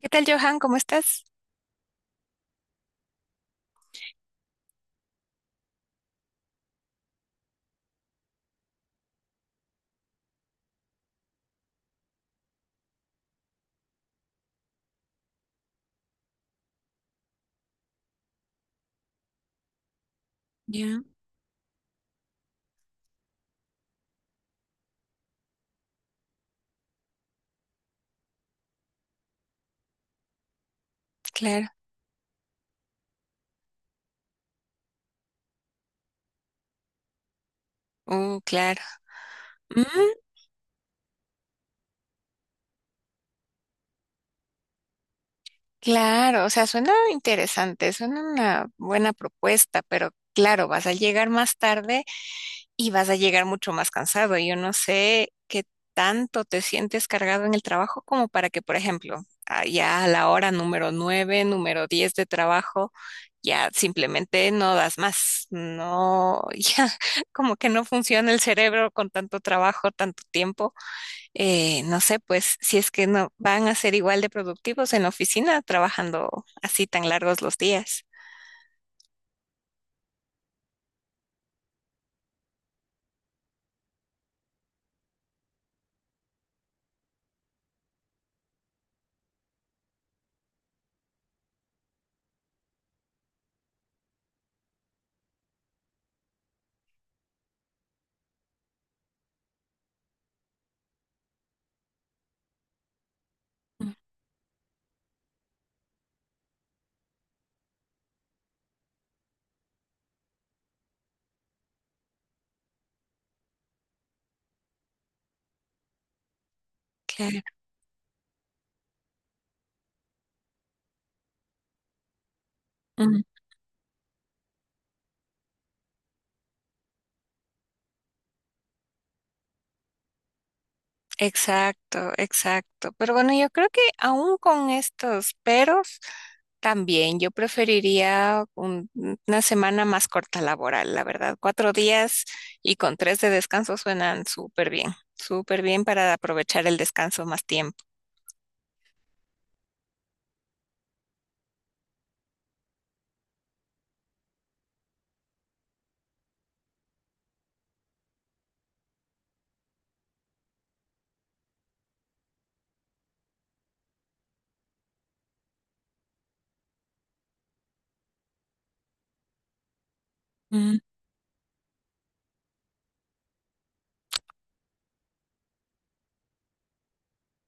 ¿Qué tal, Johan? ¿Cómo estás? Ya, claro. Oh, claro. Mm, claro, o sea, suena interesante, suena una buena propuesta, pero claro, vas a llegar más tarde y vas a llegar mucho más cansado. Yo no sé qué tanto te sientes cargado en el trabajo como para que, por ejemplo, ya a la hora número nueve, número diez de trabajo, ya simplemente no das más. No, ya como que no funciona el cerebro con tanto trabajo, tanto tiempo. No sé, pues si es que no van a ser igual de productivos en la oficina trabajando así tan largos los días. Mm. Claro. Exacto, exacto. Pero bueno, yo creo que aún con estos peros, también yo preferiría una semana más corta laboral, la verdad. Cuatro días y con tres de descanso suenan súper bien para aprovechar el descanso más tiempo.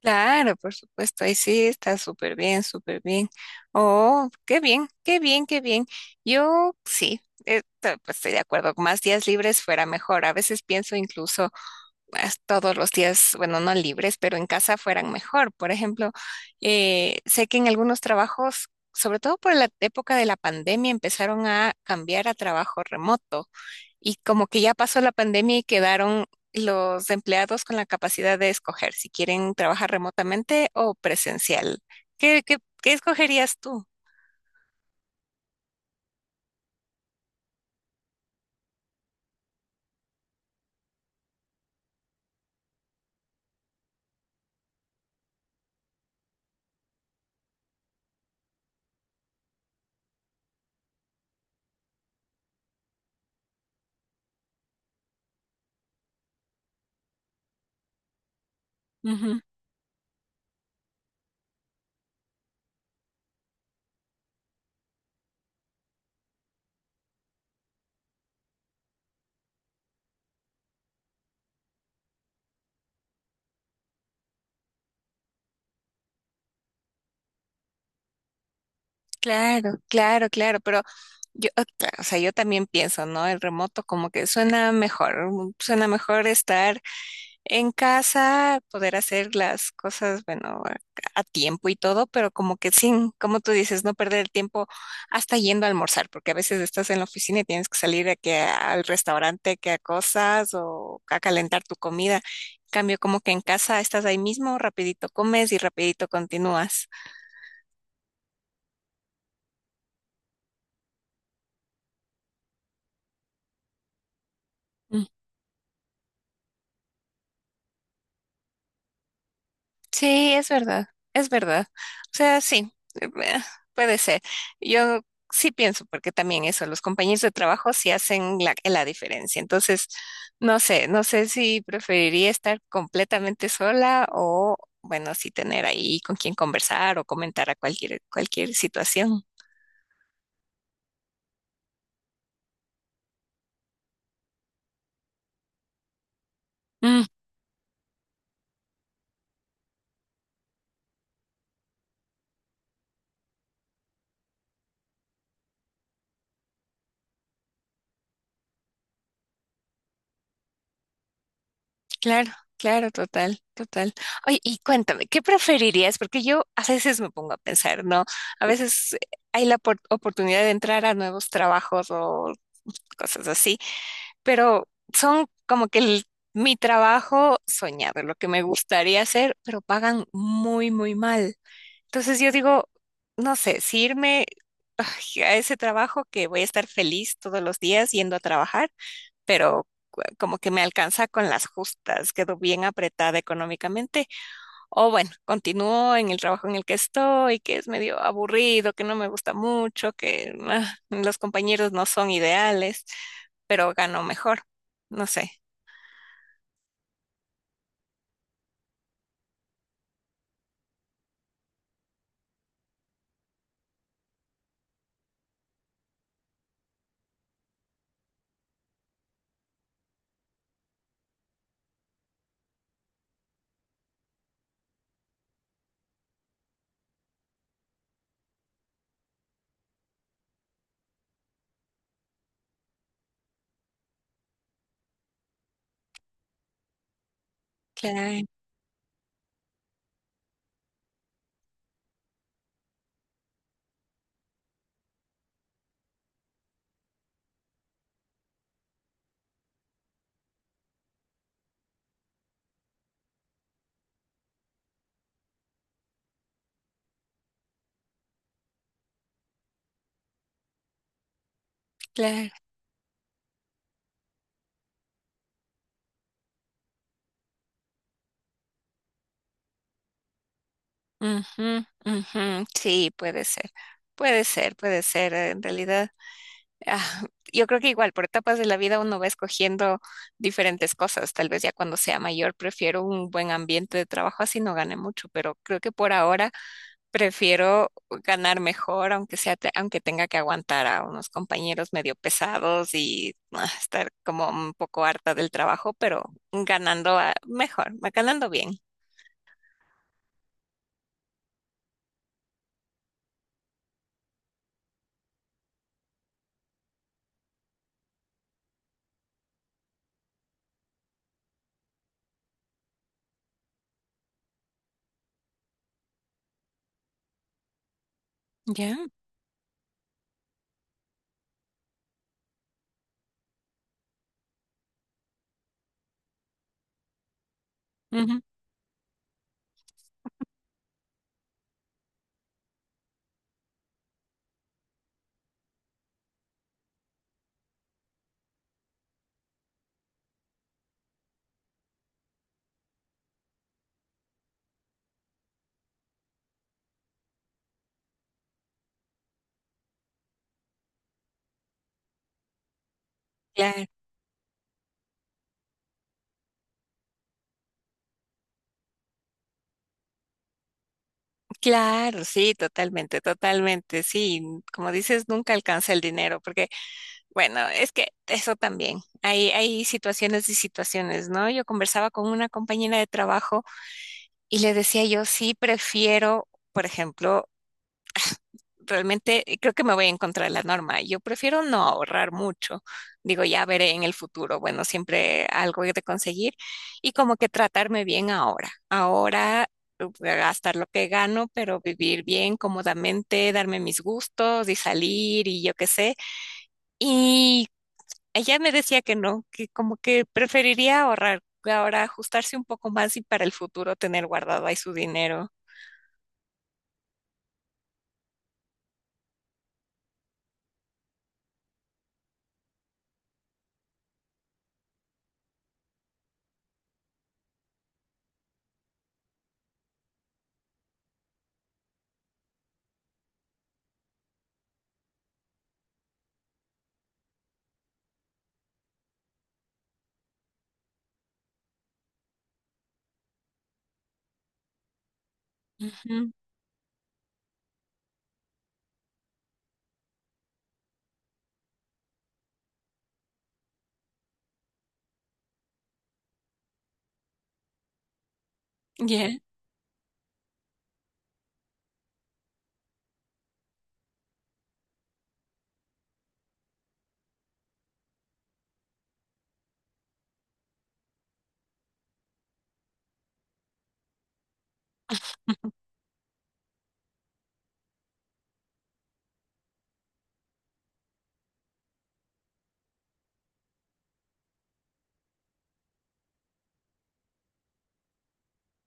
Claro, por supuesto, ahí sí está súper bien, súper bien. Oh, qué bien, qué bien, qué bien. Yo sí, pues, estoy de acuerdo, más días libres fuera mejor. A veces pienso incluso todos los días, bueno, no libres, pero en casa fueran mejor. Por ejemplo, sé que en algunos trabajos, sobre todo por la época de la pandemia, empezaron a cambiar a trabajo remoto. Y como que ya pasó la pandemia y quedaron los empleados con la capacidad de escoger si quieren trabajar remotamente o presencial. Qué escogerías tú? Ujú. Claro, claro, claro, pero yo, o sea, yo también pienso, ¿no? El remoto como que suena mejor, mm, suena mejor estar en casa, poder hacer las cosas, bueno, a tiempo y todo, pero como que sin, como tú dices, no perder el tiempo hasta yendo a almorzar, porque a veces estás en la oficina y tienes que salir a que al restaurante, que a cosas o a calentar tu comida. En cambio, como que en casa estás ahí mismo, rapidito comes y rapidito continúas. Sí, es verdad, es verdad. O sea, sí, eh, eh, puede ser. Yo sí pienso, porque también eso, los compañeros de trabajo sí hacen la diferencia. Entonces, no sé, no sé si preferiría estar completamente sola o, bueno, sí tener ahí con quien conversar o comentar a cualquier, cualquier situación. Claro, claro, total, total. Oye, y cuéntame, ¿qué preferirías? Porque yo a veces me pongo a pensar, ¿no? A veces hay la oportunidad de entrar a nuevos trabajos o cosas así, pero son como que mi trabajo soñado, lo que me gustaría hacer, pero pagan muy, muy mal. Entonces yo digo, no sé, si irme ay, a ese trabajo que voy a estar feliz todos los días yendo a trabajar, pero como que me alcanza con las justas, quedo bien apretada económicamente. O bueno, continúo en el trabajo en el que estoy, que es medio aburrido, que no me gusta mucho, que los compañeros no son ideales, pero gano mejor. No sé. Claro, claro. Ujú, ujú. Sí, puede ser. Puede ser, puede ser. En realidad. Ah, yo creo que igual, por etapas de la vida uno va escogiendo diferentes cosas. Tal vez ya cuando sea mayor prefiero un buen ambiente de trabajo, así no gane mucho, pero creo que por ahora prefiero ganar mejor, aunque sea, aunque tenga que aguantar a unos compañeros medio pesados y estar como un poco harta del trabajo, pero ganando mejor, ganando bien. Ya. Ujú. Claro, claro, sí, totalmente, totalmente, sí. Como dices, nunca alcanza el dinero, porque bueno, es que eso también. Hay situaciones y situaciones, ¿no? Yo conversaba con una compañera de trabajo y le decía yo, sí, prefiero, por ejemplo, realmente creo que me voy en contra de la norma. Yo prefiero no ahorrar mucho. Digo, ya veré en el futuro. Bueno, siempre algo he de conseguir y como que tratarme bien ahora. Ahora gastar lo que gano, pero vivir bien, cómodamente, darme mis gustos y salir y yo qué sé. Y ella me decía que no, que como que preferiría ahorrar, que ahora ajustarse un poco más y para el futuro tener guardado ahí su dinero. Ujú. Ya.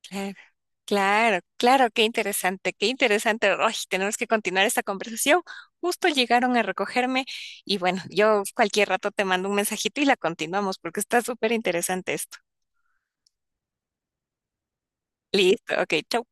Claro, claro, claro, qué interesante, qué interesante. Ay, tenemos que continuar esta conversación. Justo llegaron a recogerme y bueno, yo cualquier rato te mando un mensajito y la continuamos porque está súper interesante esto. Listo, ok, chau.